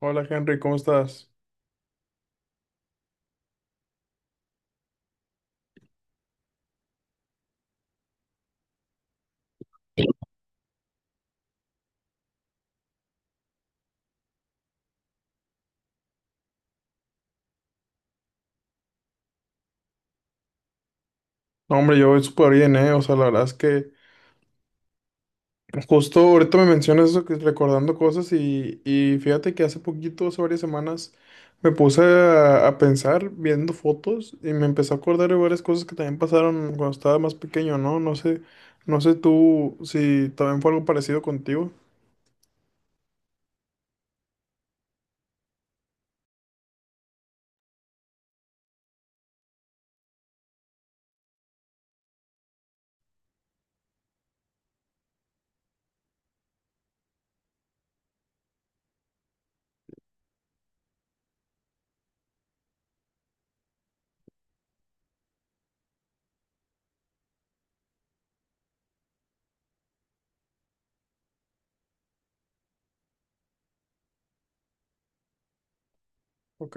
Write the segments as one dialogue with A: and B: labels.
A: Hola Henry, ¿cómo estás? No, hombre, yo voy súper bien, ¿eh? O sea, la verdad es que justo ahorita me mencionas eso, que recordando cosas y fíjate que hace poquito, hace varias semanas, me puse a pensar viendo fotos y me empecé a acordar de varias cosas que también pasaron cuando estaba más pequeño, ¿no? No sé tú si también fue algo parecido contigo. Ok,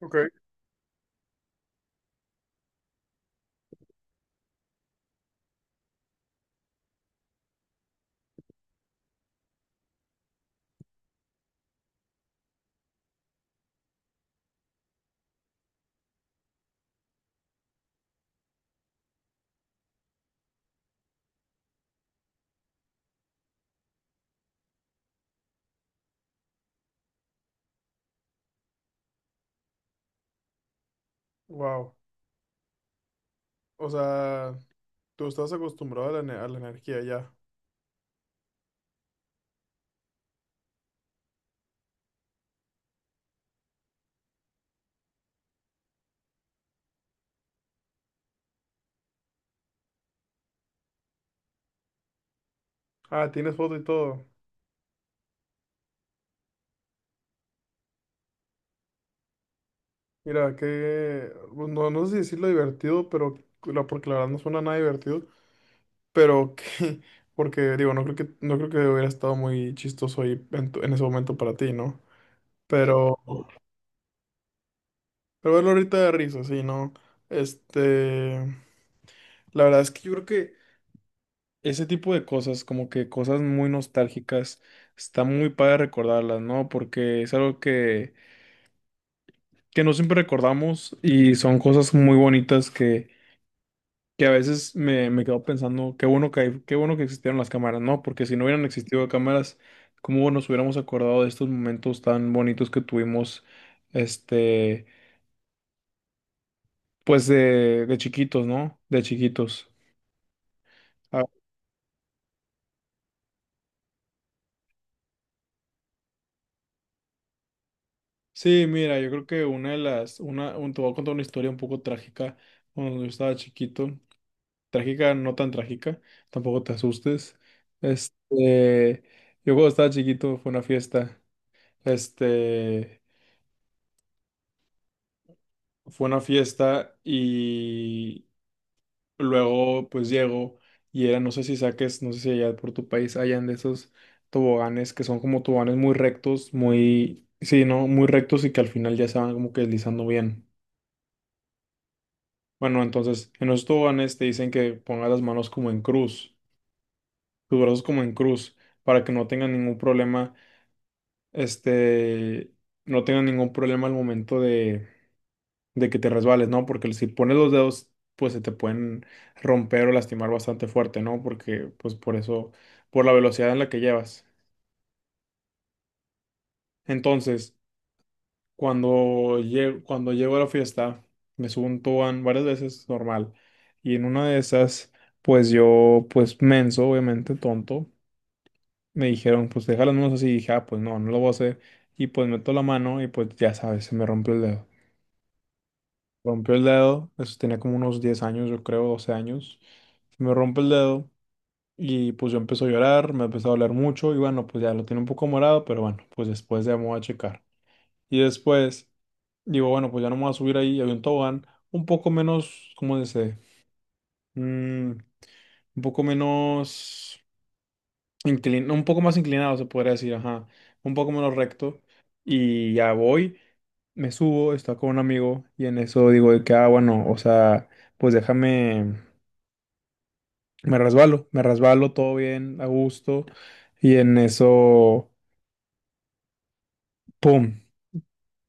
A: ok, wow. O sea, tú estás acostumbrado a la, energía ya. Ah, tienes foto y todo. Mira, que pues, no, no sé si decirlo divertido, pero porque la verdad no suena nada divertido. Pero que... porque, digo, no creo que hubiera estado muy chistoso ahí en ese momento para ti, ¿no? Pero. Pero verlo ahorita de risa, sí, ¿no? Este... La verdad es que yo creo que ese tipo de cosas, como que cosas muy nostálgicas, está muy padre recordarlas, ¿no? Porque es algo que no siempre recordamos y son cosas muy bonitas que a veces me quedo pensando, qué bueno que existieron las cámaras, ¿no? Porque si no hubieran existido cámaras, ¿cómo nos hubiéramos acordado de estos momentos tan bonitos que tuvimos, este, pues de chiquitos, ¿no? De chiquitos. Ah, sí, mira, yo creo que una de las, una, un- te voy a contar una historia un poco trágica cuando yo estaba chiquito. Trágica, no tan trágica, tampoco te asustes. Este, yo cuando estaba chiquito este, fue una fiesta y luego pues llego y era, no sé si allá por tu país hayan de esos toboganes que son como toboganes muy rectos, muy, sí, ¿no? Muy rectos y que al final ya se van como que deslizando bien. Bueno, entonces en los toboganes te dicen que pongas las manos como en cruz, tus brazos como en cruz para que no tengan ningún problema este, al momento de que te resbales, ¿no? Porque si pones los dedos, pues se te pueden romper o lastimar bastante fuerte, ¿no? Porque, pues por eso, por la velocidad en la que llevas. Entonces, cuando llego a la fiesta, me subo un tobogán varias veces, normal. Y en una de esas, pues yo, pues menso, obviamente, tonto, me dijeron, pues deja las manos así. Y dije, ah, pues no, no lo voy a hacer. Y pues meto la mano y pues ya sabes, se me rompe el dedo. Rompió el dedo, eso tenía como unos 10 años, yo creo, 12 años. Se me rompe el dedo y pues yo empecé a llorar, me empezó a doler mucho y bueno, pues ya lo tiene un poco morado, pero bueno, pues después ya me voy a checar. Y después digo, bueno, pues ya no me voy a subir ahí, había un tobogán un poco menos, ¿cómo dice? Mm, un poco menos inclinado, un poco más inclinado se podría decir, ajá, un poco menos recto y ya voy. Me subo, está con un amigo y en eso digo de que, ah, bueno, o sea, pues déjame. Me resbalo, todo bien, a gusto. Y en eso, ¡pum!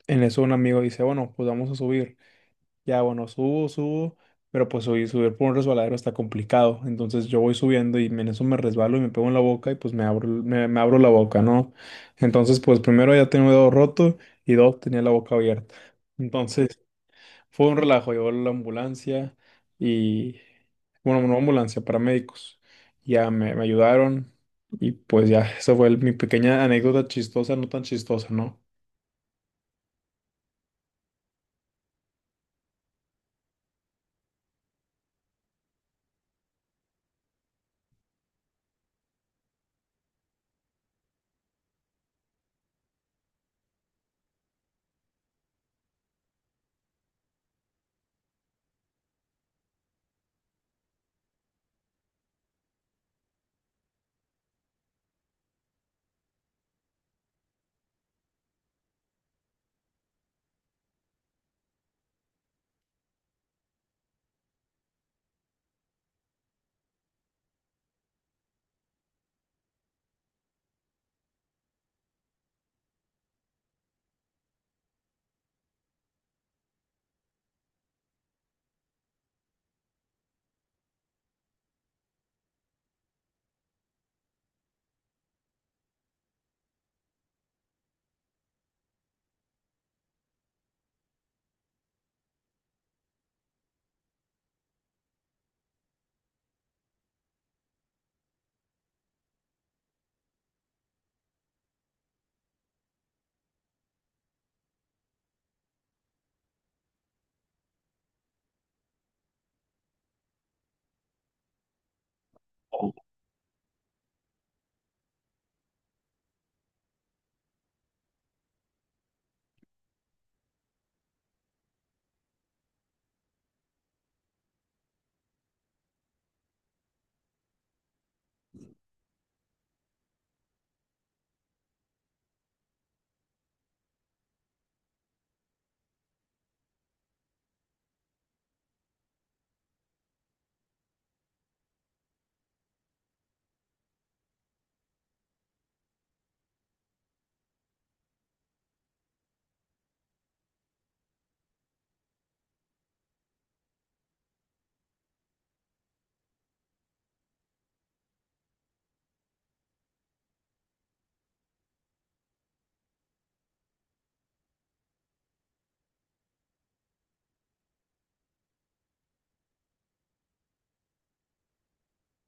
A: En eso un amigo dice, bueno, pues vamos a subir. Ya, bueno, subo, pero pues subir, subir por un resbaladero está complicado. Entonces yo voy subiendo y en eso me resbalo y me pego en la boca y pues me abro la boca, ¿no? Entonces, pues primero ya tenía un dedo roto y dos, tenía la boca abierta. Entonces, fue un relajo, llegó la ambulancia y, bueno, no ambulancia, paramédicos. Ya me ayudaron y pues ya, esa fue mi pequeña anécdota chistosa, no tan chistosa, ¿no?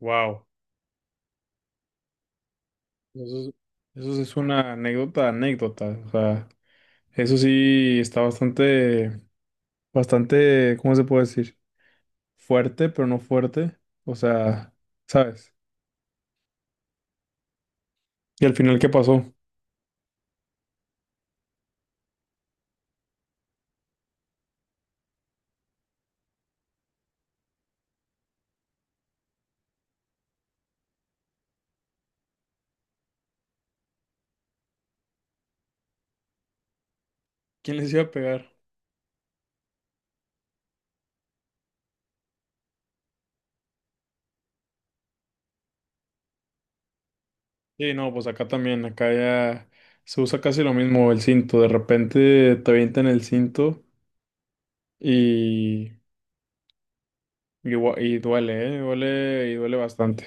A: Wow. Eso, eso sí es una anécdota, anécdota. O sea, eso sí está bastante, bastante, ¿cómo se puede decir? Fuerte, pero no fuerte. O sea, ¿sabes? Y al final, ¿qué pasó? ¿Quién les iba a pegar? Sí, no, pues acá también, acá ya se usa casi lo mismo el cinto. De repente te avientan el cinto y, y duele, ¿eh? Duele y duele bastante.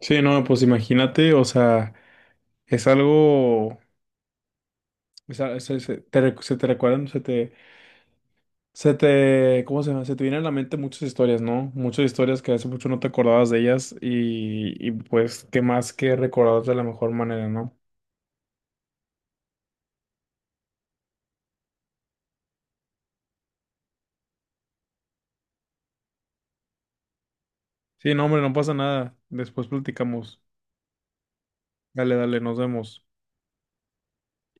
A: Sí, no, pues imagínate, o sea, es algo, es a- es- es- te recu- se te recuerdan, se te, ¿cómo se llama? Se te vienen a la mente muchas historias, ¿no? Muchas historias que hace mucho no te acordabas de ellas y pues qué más que recordarlas de la mejor manera, ¿no? Sí, no, hombre, no pasa nada. Después platicamos. Dale, dale, nos vemos.